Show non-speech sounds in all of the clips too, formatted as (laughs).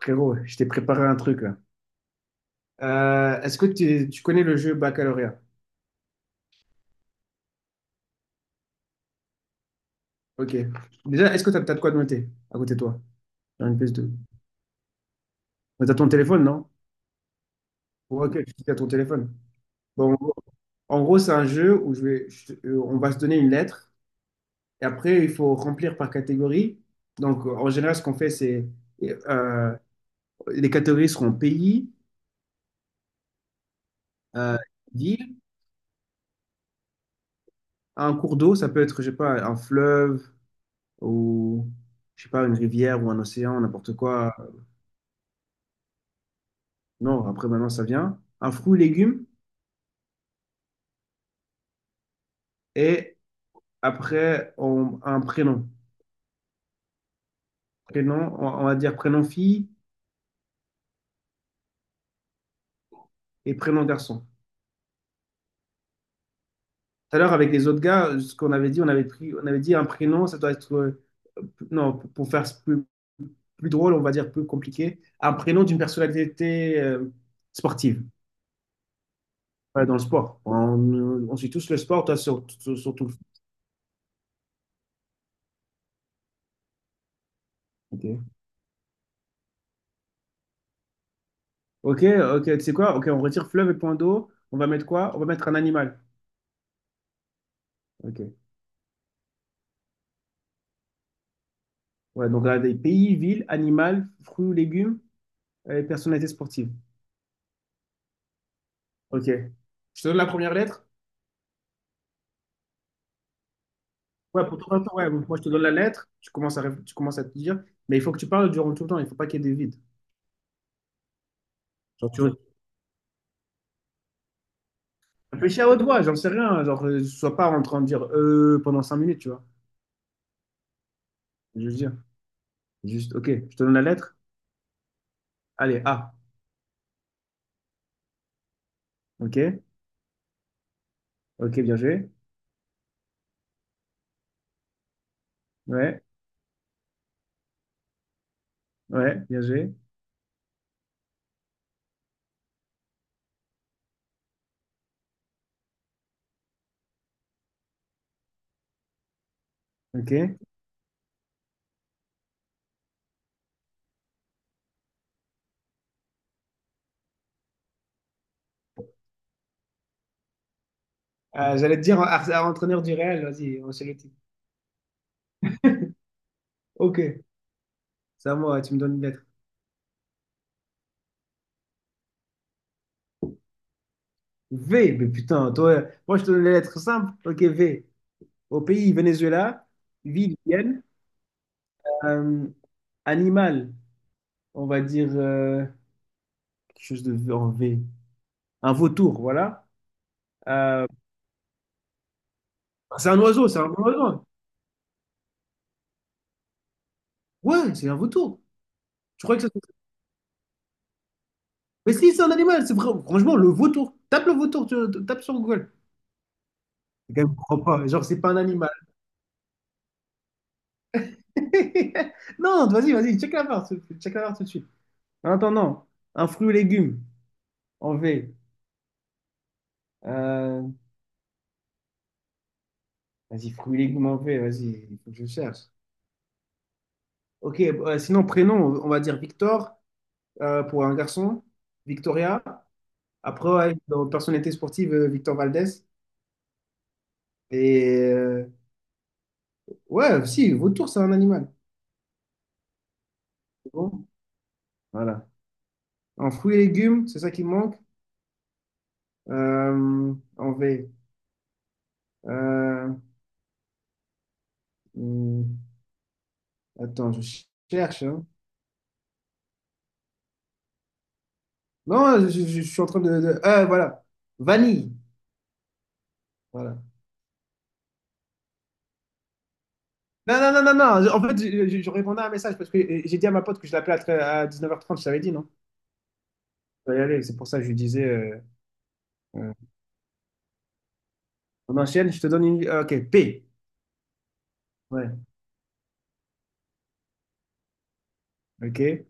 Frérot, je t'ai préparé un truc là. Est-ce que tu connais le jeu baccalauréat? Ok. Déjà, est-ce que t'as de quoi de noter à côté de toi? Sur une ps de. Mais t'as ton téléphone, non? Ouais, ok, tu as ton téléphone. Bon, en gros, c'est un jeu où je vais, je te- on va se donner une lettre et après, il faut remplir par catégorie. Donc, en général, ce qu'on fait, c'est euh, les catégories seront pays, euh, ville, un cours d'eau, ça peut être, je sais pas, un fleuve ou, je sais pas, une rivière ou un océan, n'importe quoi. Non, après maintenant ça vient. Un fruit, légume et un prénom. Prénom, on va dire prénom fille et prénom garçon. Tout à l'heure avec les autres gars, ce qu'on avait dit, on avait pris, on avait dit un prénom, ça doit être non pour faire plus, plus drôle, on va dire plus compliqué, un prénom d'une personnalité sportive. Ouais, dans le sport. On suit tous le sport, toi surtout le foot. Ok, ok, ok, tu sais quoi? Ok, on retire fleuve et point d'eau. On va mettre quoi? On va mettre un animal. Ok. Ouais, donc là des pays, villes, animal, fruits ou légumes, personnalité sportive. Ok. Je te donne la première lettre? Ouais, pour toi, ouais. Donc, moi je te donne la lettre, tu commences à, tu commences à te dire, mais il faut que tu parles durant tout le temps, il ne faut pas qu'il y ait des vides. Genre, tu réfléchis à haute voix, j'en sais rien, genre, sois pas en train de dire pendant cinq minutes, tu vois. Je veux dire, juste, ok, je te donne la lettre, allez, A. Ok, ok, bien joué. Ouais, ouais, bien joué. Ok. J'allais te dire à entraîneur du Real, vas-y, on s'est jeté. Ok, c'est à moi, tu me donnes une lettre. V, mais putain, toi, moi je te donne les lettres simples. Ok, V. Au pays, Venezuela, ville, Vienne. Euh, Animal, on va dire quelque chose de V en V. Un vautour, voilà. Euh, c'est un oiseau, c'est un oiseau. Ouais, c'est un vautour. Tu crois que ça... Mais si, c'est un animal, c'est vrai. Franchement, le vautour. Tape le vautour, tapes sur Google. Les gars, je comprends pas. Genre, c'est pas un animal. (laughs) Non, vas-y, vas-y, check la barre, check la barre tout de suite. En attendant, un fruit ou légume en V. Euh, Vas-y, fruits et légumes en V, vas-y, il faut que je cherche. Ok, sinon, prénom, on va dire Victor pour un garçon, Victoria. Après, ouais, dans personnalité sportive, Victor Valdez. Et euh, ouais, si, vautour, c'est un animal. C'est bon, voilà. En fruits et légumes, c'est ça qui me manque. En V. Euh, hmm, Attends, je cherche, hein. Non, je suis en train voilà. Vanille. Voilà. Non, non, non, non, non. En fait, je répondais à un message parce que j'ai dit à ma pote que je l'appelais à, à 19 h 30, je t'avais dit, non? Je dois y aller, c'est pour ça que je lui disais. Euh, on enchaîne, je te donne une. Ah, ok, P. Ouais. Ok,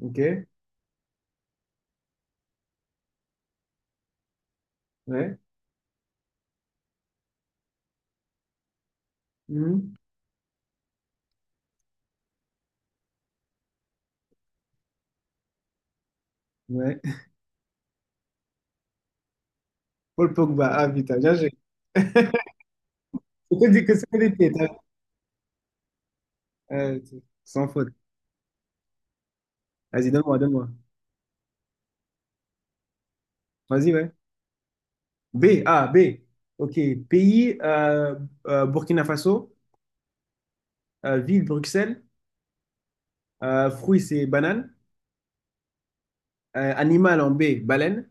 ok, ouais. Mhm. Ouais. (laughs) Paul Pogba, ah putain, bien joué. C'était dit que c'était des P, sans faute. Vas-y, donne-moi, donne-moi. Vas-y, ouais. B, A, B. Ok, pays, Burkina Faso. Ville, Bruxelles. Fruits, c'est banane. Animal en B, baleine.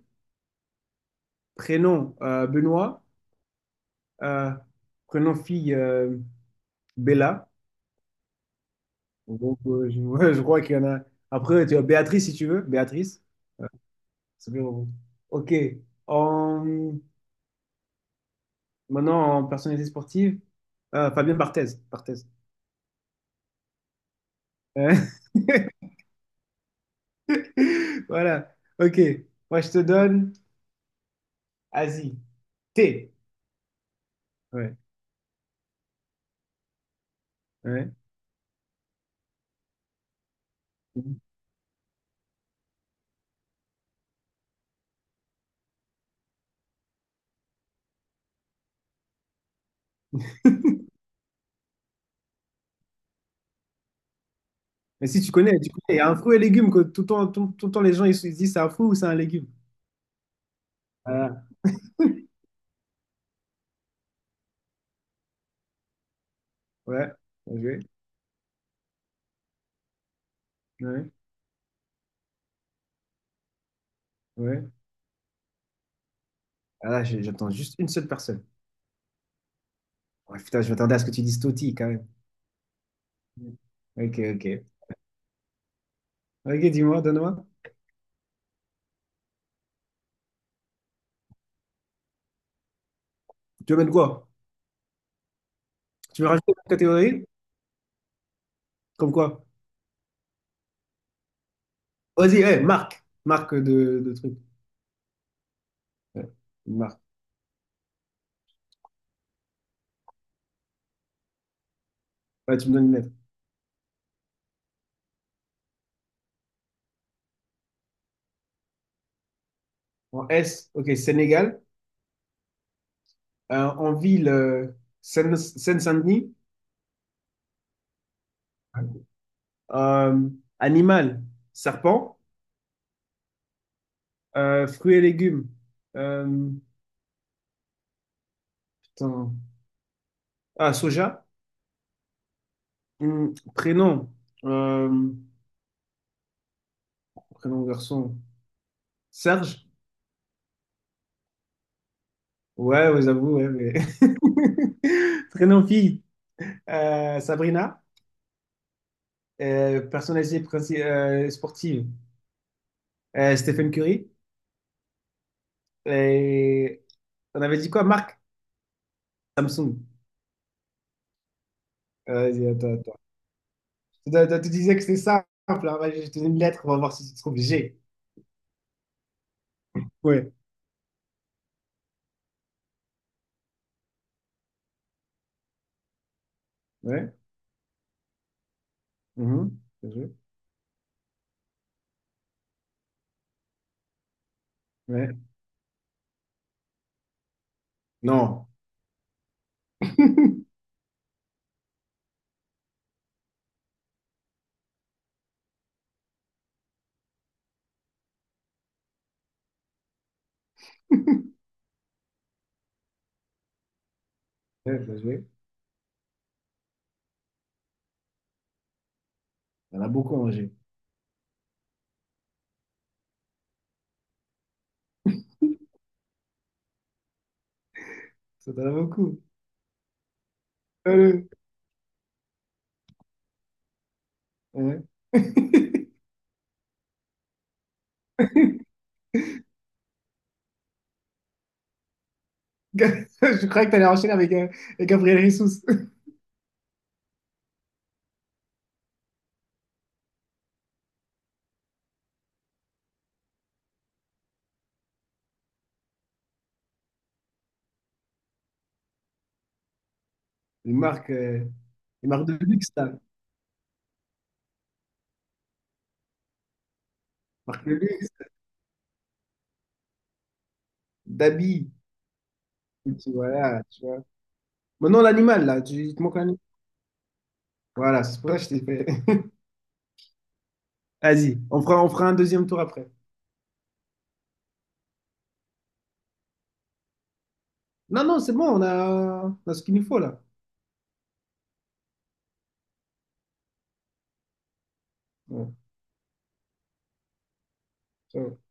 Prénom Benoît, euh, prénom fille Bella. Donc, (laughs) ouais, je crois qu'il y en a. Après, tu as Béatrice si tu veux. Béatrice, c'est bien. Ok. En- Maintenant, en personnalité sportive, Fabien Barthez. Barthez. Euh, (laughs) Voilà. Ok. Moi, je te donne Asie. Thé. Ouais. Ouais. Mais si tu connais, tu connais. Il y a un fruit et légume que tout le temps, tout le temps les gens ils se disent c'est un fruit ou c'est un légume. Voilà. Ouais. Ok. Ouais. Ouais. Ah là, j'attends juste une seule personne. Ouais, putain, je m'attendais à ce que tu dises Totti quand même. Ok, ok. Ok, dis-moi, donne-moi. Tu veux mettre quoi? Tu veux rajouter une catégorie? Comme quoi? Vas-y, eh, marque. Marque de truc. Ouais, une marque. Ouais, tu me donnes une lettre. En S, ok, Sénégal. En ville, Seine-Saint-Denis. Euh, Animal, serpent. Fruits et légumes. Euh, Putain. Ah, soja. Prénom. Euh, Prénom garçon. Serge? Ouais, ouais, j'avoue, ouais, mais... (laughs) Très non fille. Sabrina, personnalité sportive. Stephen Curry. Et on avait dit quoi, Marc? Samsung. Vas-y, attends, attends. Tu disais que c'était simple, hein. Vas-y, je te donne une lettre, on va voir si tu trouves G. Ouais. Ouais. Mhm. Bien joué. Ouais. Non. Ouais, bien joué. Il y en a beaucoup en G. Ça t'en a beaucoup. Euh, ouais. (laughs) Je croyais que t'allais enchaîner avec avec Gabriel Jesus. Une marque, euh, une marque de luxe, là. Une marque de luxe, d'habits. Et puis voilà, tu vois. Maintenant, l'animal, là, tu te manques un animal. Voilà, c'est pour ça que je t'ai fait. (laughs) Vas-y, on fera un deuxième tour après. Non, non, c'est bon, on a ce qu'il nous faut, là. Ouais, ça va.